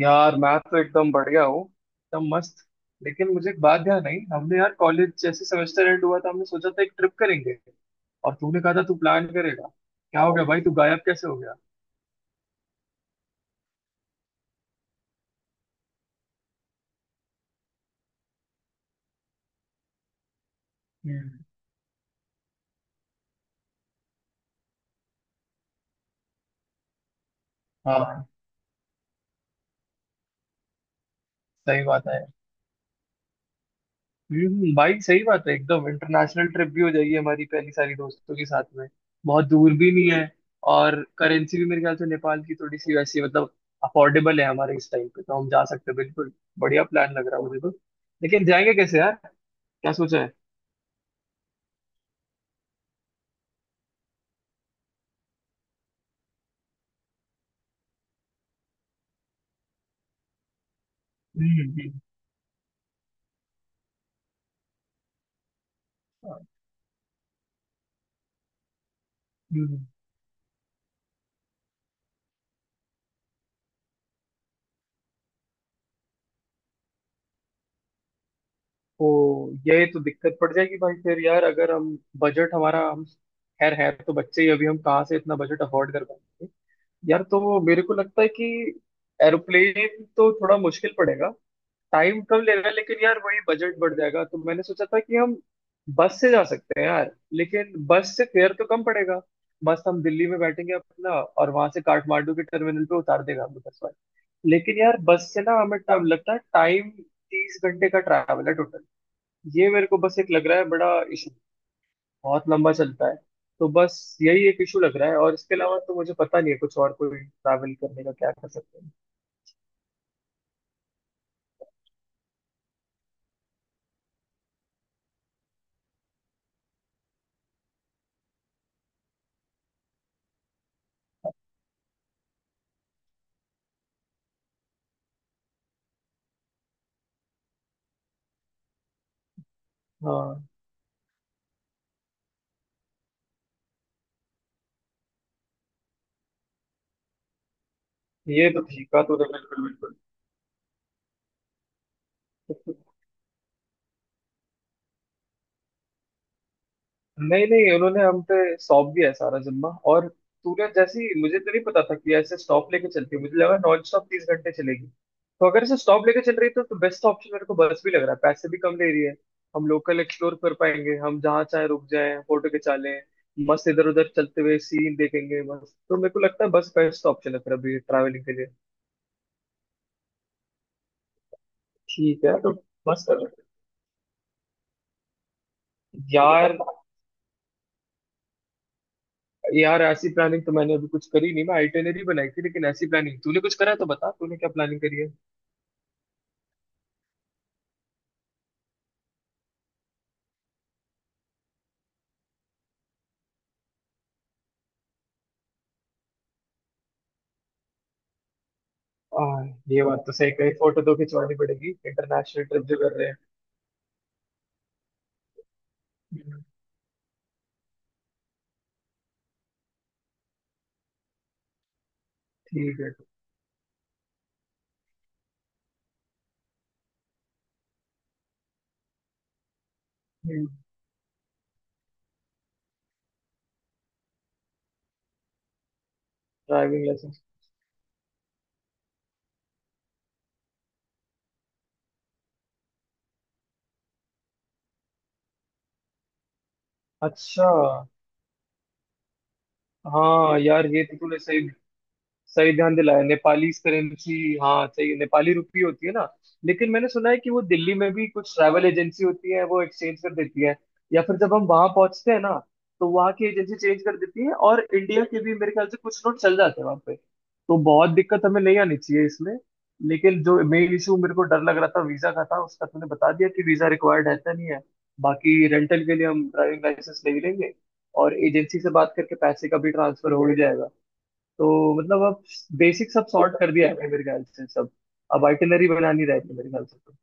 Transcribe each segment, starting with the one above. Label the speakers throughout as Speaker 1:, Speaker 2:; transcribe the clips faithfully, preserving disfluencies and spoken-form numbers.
Speaker 1: यार मैं तो एकदम बढ़िया हूँ, एकदम मस्त। लेकिन मुझे एक बात ध्यान आई, हमने यार कॉलेज जैसे सेमेस्टर एंड हुआ था हमने सोचा था एक ट्रिप करेंगे। और तूने कहा था तू प्लान करेगा, क्या हो गया भाई, तू गायब कैसे हो गया? हम्म। हाँ। सही बात है। हम्म भाई सही बात है, एकदम इंटरनेशनल ट्रिप भी हो जाएगी हमारी पहली, सारी दोस्तों के साथ में। बहुत दूर भी नहीं है। और करेंसी भी मेरे ख्याल से नेपाल की थोड़ी सी वैसी, मतलब अफोर्डेबल है हमारे इस टाइम पे, तो हम जा सकते हैं बिल्कुल। बढ़िया प्लान लग रहा है मुझे तो। लेकिन जाएंगे कैसे यार? क्या सोचा है? हम्म, हम्म, हम्म। तो ये तो दिक्कत पड़ जाएगी भाई। फिर यार अगर हम, बजट हमारा, हम खैर है तो बच्चे ही अभी, हम कहाँ से इतना बजट अफोर्ड कर पाएंगे। यार तो मेरे को लगता है कि एरोप्लेन तो थोड़ा मुश्किल पड़ेगा। टाइम कम लेगा लेकिन यार वही बजट बढ़ जाएगा, तो मैंने सोचा था कि हम बस से जा सकते हैं यार। लेकिन बस से फेयर तो कम पड़ेगा। बस हम दिल्ली में बैठेंगे अपना और वहां से काठमांडू के टर्मिनल पे उतार देगा हमें बस। लेकिन यार बस से ना हमें टाइम लगता है टाइम। तीस घंटे का ट्रैवल है टोटल। ये मेरे को बस एक लग रहा है बड़ा इशू। बहुत लंबा चलता है। तो बस, यही एक इशू लग रहा है। और इसके अलावा तो मुझे पता नहीं है कुछ और, कोई ट्रैवल करने का क्या कर सकते हैं। हाँ ये तो ठीक है तो, बिल्कुल बिल्कुल। नहीं नहीं, उन्होंने हम पे सौंप दिया है सारा जिम्मा। और तूने जैसी, मुझे तो नहीं पता था कि ऐसे स्टॉप लेके चलती है, मुझे लगा नॉन स्टॉप तीस घंटे चलेगी। तो अगर इसे स्टॉप लेके चल रही है तो तो बेस्ट ऑप्शन मेरे को बस भी लग रहा है, पैसे भी कम ले रही है। हम लोकल एक्सप्लोर कर पाएंगे, हम जहाँ चाहे रुक जाएं, फोटो खिंचा लें, मस्त इधर उधर चलते हुए सीन देखेंगे। बस तो मेरे को लगता है बस बेस्ट ऑप्शन है फिर अभी ट्रैवलिंग के लिए। ठीक है। तो बस यार, यार ऐसी प्लानिंग तो मैंने अभी कुछ करी नहीं, मैं आइटनरी बनाई थी, लेकिन ऐसी प्लानिंग तूने कुछ करा है तो बता तूने क्या प्लानिंग करी है। आ, ये बात तो सही कही, फोटो तो खिंचवानी पड़ेगी, इंटरनेशनल ट्रिप जो कर रहे हैं। हम्म। ठीक है। Driving license. अच्छा। हाँ यार ये तो तूने सही, सही ध्यान दिलाया, नेपाली करेंसी। हाँ सही, नेपाली रुपी होती है ना। लेकिन मैंने सुना है कि वो दिल्ली में भी कुछ ट्रैवल एजेंसी होती है, वो एक्सचेंज कर देती है। या फिर जब हम वहां पहुंचते हैं ना, तो वहां की एजेंसी चेंज कर देती है। और इंडिया के भी मेरे ख्याल से कुछ नोट चल जाते हैं वहां पे। तो बहुत दिक्कत हमें नहीं आनी चाहिए इसमें। लेकिन जो मेन इशू मेरे को डर लग रहा था वीजा का था, उसका तुमने बता दिया कि वीजा रिक्वायर्ड है तो नहीं है। बाकी रेंटल के लिए हम ड्राइविंग लाइसेंस ले ही लेंगे। और एजेंसी से बात करके पैसे का भी ट्रांसफर हो ही जाएगा। तो मतलब अब बेसिक सब सॉर्ट कर दिया है मेरे ख्याल से सब। अब आइटिनरी बनानी रहती है मेरे ख्याल से तो।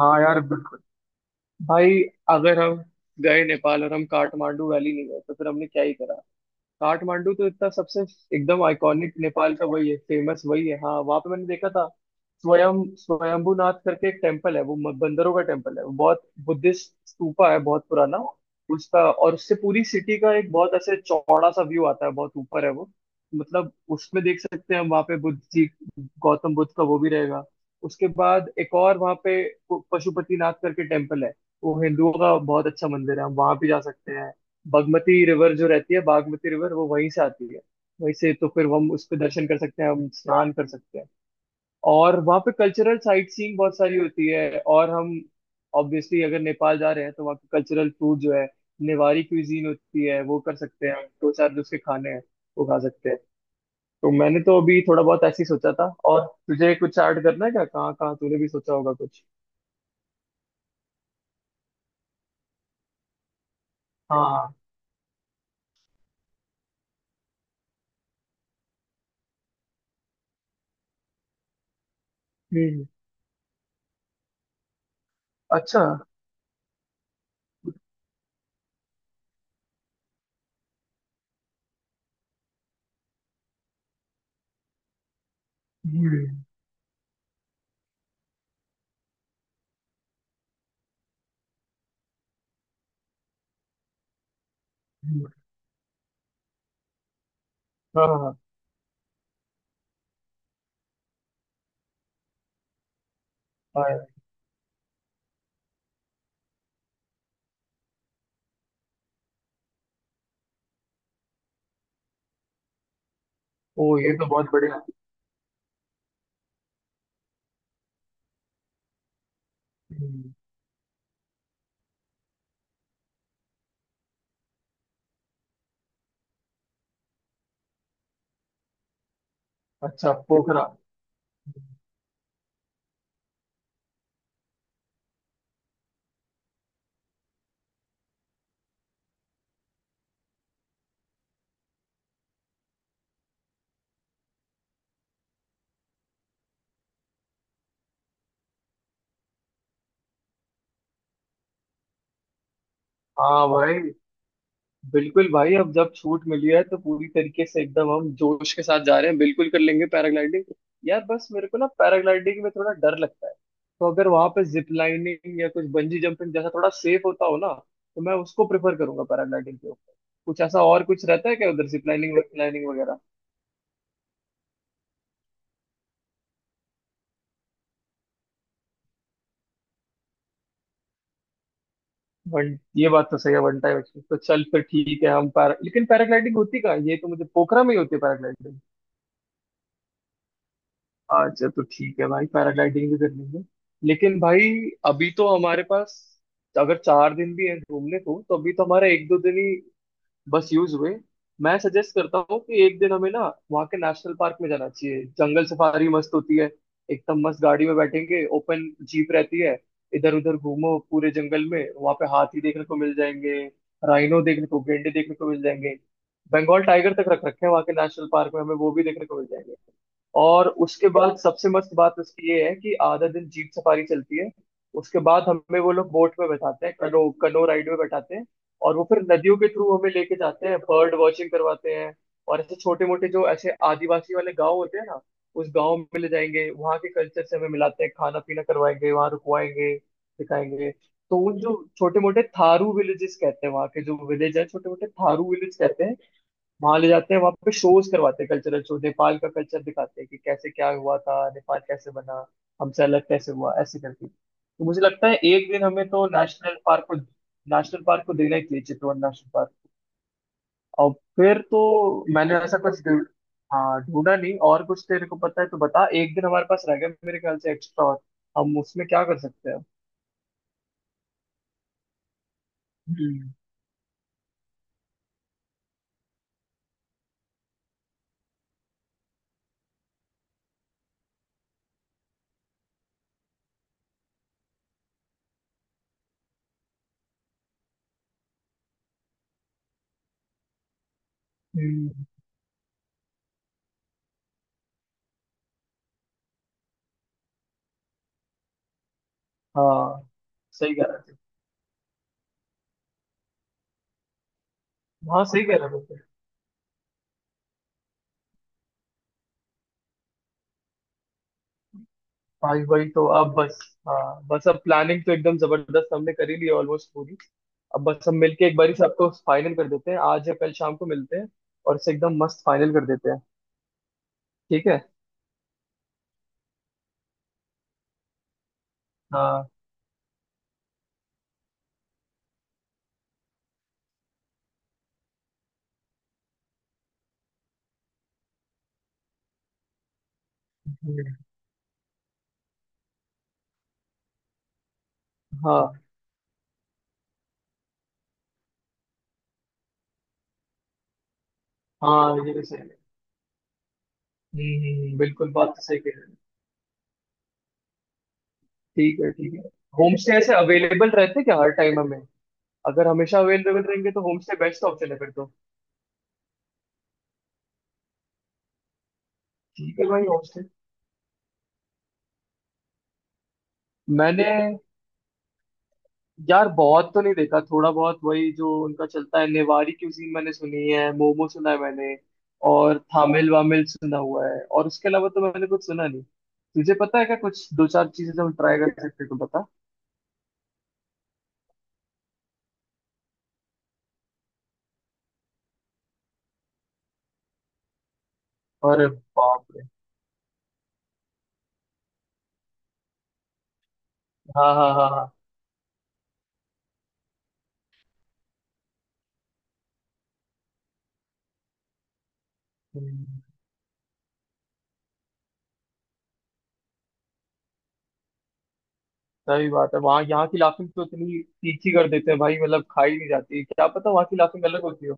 Speaker 1: हाँ यार बिल्कुल। भाई अगर हम गए नेपाल और हम काठमांडू वैली नहीं गए, तो फिर हमने क्या ही करा। काठमांडू तो इतना सबसे एकदम आइकॉनिक, नेपाल का वही है फेमस, वही है। हाँ वहां पे मैंने देखा था स्वयं स्वयंभूनाथ करके एक टेम्पल है। वो म- बंदरों का टेम्पल है, वो बहुत बुद्धिस्ट स्तूपा है, बहुत पुराना उसका। और उससे पूरी सिटी का एक बहुत ऐसे चौड़ा सा व्यू आता है, बहुत ऊपर है वो, मतलब उसमें देख सकते हैं हम। वहाँ पे बुद्ध जी, गौतम बुद्ध का वो भी रहेगा। उसके बाद एक और वहाँ पे प- पशुपतिनाथ करके टेम्पल है। वो हिंदुओं का बहुत अच्छा मंदिर है, हम वहाँ भी जा सकते हैं। बागमती रिवर जो रहती है, बागमती रिवर वो वहीं से आती है वहीं से। तो फिर हम उस पर दर्शन कर सकते हैं, हम स्नान कर सकते हैं। और वहाँ पे कल्चरल साइट सीइंग बहुत सारी होती है। और हम ऑब्वियसली अगर नेपाल जा रहे हैं तो वहाँ के कल्चरल फूड जो है, नेवारी क्यूजीन होती है, वो कर सकते हैं हम। दो चार जो उसके खाने हैं वो खा सकते हैं। तो मैंने तो अभी थोड़ा बहुत ऐसे ही सोचा था, और तुझे कुछ ऐड करना है क्या, कहाँ कहाँ तूने भी सोचा होगा कुछ? हाँ। हम्म। अच्छा। हम्म, हम्म। हाँ हाँ हाँ। ओ, ये तो बहुत बढ़िया। हम्म। अच्छा पोखरा। हाँ भाई बिल्कुल भाई, अब जब छूट मिली है तो पूरी तरीके से एकदम, हम जोश के साथ जा रहे हैं, बिल्कुल कर लेंगे पैराग्लाइडिंग। यार बस मेरे को ना पैराग्लाइडिंग में थोड़ा डर लगता है। तो अगर वहां पे जिप लाइनिंग या कुछ बंजी जंपिंग जैसा थोड़ा सेफ होता हो ना, तो मैं उसको प्रेफर करूंगा पैराग्लाइडिंग के ऊपर। कुछ ऐसा और कुछ रहता है क्या उधर, जिप लाइनिंग लाइनिंग वगैरह? वन ये बात तो सही है, वन टाइम एक्सपीरियंस। तो चल फिर ठीक है, हम पैरा लेकिन पैराग्लाइडिंग होती कहाँ है? ये तो मुझे पोखरा में ही होती है पैराग्लाइडिंग। अच्छा तो ठीक है भाई, पैराग्लाइडिंग भी कर लेंगे। लेकिन भाई अभी तो हमारे पास अगर चार दिन भी हैं घूमने को, तो अभी तो हमारा एक दो दिन ही बस यूज हुए। मैं सजेस्ट करता हूँ कि एक दिन हमें ना वहाँ के नेशनल पार्क में जाना चाहिए, जंगल सफारी मस्त होती है, एकदम मस्त। गाड़ी में बैठेंगे ओपन, जीप रहती है, इधर उधर घूमो पूरे जंगल में। वहाँ पे हाथी देखने को मिल जाएंगे, राइनो देखने को, गेंडे देखने को मिल जाएंगे। बंगाल टाइगर तक रख रखे हैं वहाँ के नेशनल पार्क में, हमें वो भी देखने को मिल जाएंगे। और उसके बाद सबसे मस्त बात उसकी ये है कि आधा दिन जीप सफारी चलती है, उसके बाद हमें वो लोग बोट में बैठाते हैं, कनो कनो राइड में बैठाते हैं। और वो फिर नदियों के थ्रू हमें लेके जाते हैं, बर्ड वॉचिंग करवाते हैं। और ऐसे छोटे मोटे जो ऐसे आदिवासी वाले गांव होते हैं ना, उस गांव में ले जाएंगे, वहाँ के कल्चर से हमें मिलाते हैं, खाना पीना करवाएंगे, वहाँ रुकवाएंगे, सिखाएंगे। तो उन, जो छोटे मोटे थारू विलेजेस कहते हैं, वहाँ के जो विलेज है छोटे मोटे थारू विलेज कहते हैं, वहां ले जाते हैं, वहां पे शोज करवाते हैं, कल्चरल शो, नेपाल का कल्चर दिखाते हैं कि कैसे क्या हुआ था, नेपाल कैसे बना, हमसे अलग कैसे हुआ, ऐसे करके। तो मुझे लगता है एक दिन हमें तो नेशनल पार्क को नेशनल पार्क को देना ही चाहिए, चितवन नेशनल पार्क। और फिर तो मैंने ऐसा कुछ ढूंढ- हाँ ढूंढा नहीं, और कुछ तेरे को पता है तो बता। एक दिन हमारे पास रह गया मेरे ख्याल से एक्स्ट्रा, और हम उसमें क्या कर सकते हैं? हम्म, हम्म। हाँ सही कह रहा है। हाँ सही कह रहा है। भाई वही तो, अब बस। हाँ बस, अब प्लानिंग तो एकदम जबरदस्त हमने करी ली ऑलमोस्ट पूरी। अब बस हम मिलके एक बार ही सबको फाइनल कर देते हैं, आज या कल शाम को मिलते हैं और इसे एकदम मस्त फाइनल कर देते हैं। ठीक है। हाँ। हाँ। हाँ, ये भी सही है। हम्म, हम्म, हम्म, बिल्कुल बात तो सही कह रहे हैं। ठीक है, ठीक है। होम स्टे ऐसे अवेलेबल रहते हैं क्या हर टाइम हमें? अगर हमेशा अवेलेबल रहेंगे तो होम स्टे बेस्ट ऑप्शन है फिर तो। ठीक है भाई, होम स्टे। मैंने, यार बहुत तो नहीं देखा, थोड़ा बहुत वही जो उनका चलता है, नेवारी क्यूजीन मैंने सुनी है, मोमो सुना है मैंने। और थामिल वामिल सुना हुआ है, और उसके अलावा तो मैंने कुछ सुना नहीं। तुझे पता है क्या कुछ दो चार चीजें जो हम ट्राई कर सकते हैं, तो बता। अरे बाप रे। हाँ हाँ हाँ हाँ। हम्म। सही बात है, वहाँ, यहाँ की लाफिंग तो इतनी तीखी कर देते हैं भाई, मतलब खाई नहीं जाती, क्या पता वहाँ की लाफिंग अलग होती हो।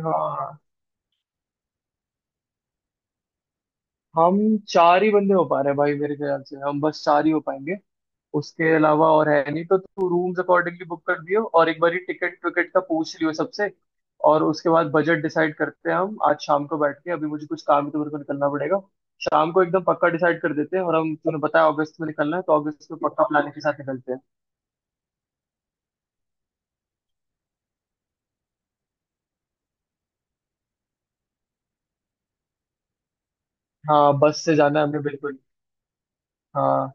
Speaker 1: हाँ। हम चार ही बंदे हो पा रहे हैं भाई, मेरे ख्याल से हम बस चार ही हो पाएंगे। उसके अलावा और है नहीं, तो तू रूम्स अकॉर्डिंगली बुक कर दियो, और एक बार टिकट विकेट का पूछ लियो सबसे। और उसके बाद बजट डिसाइड करते हैं हम आज शाम को बैठ के। अभी मुझे कुछ काम है तो मेरे को निकलना पड़ेगा। शाम को एकदम पक्का डिसाइड कर देते हैं, और हम तूने बताया अगस्त में निकलना है तो अगस्त में पक्का प्लानिंग के साथ निकलते हैं। हाँ बस से जाना है हमें बिल्कुल। हाँ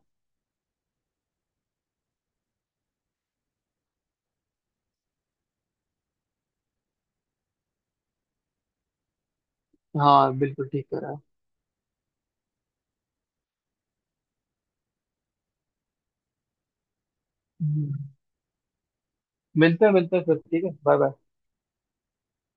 Speaker 1: हाँ, बिल्कुल ठीक कह रहा है। हम्म, मिलते हैं मिलते हैं फिर, ठीक है, बाय बाय।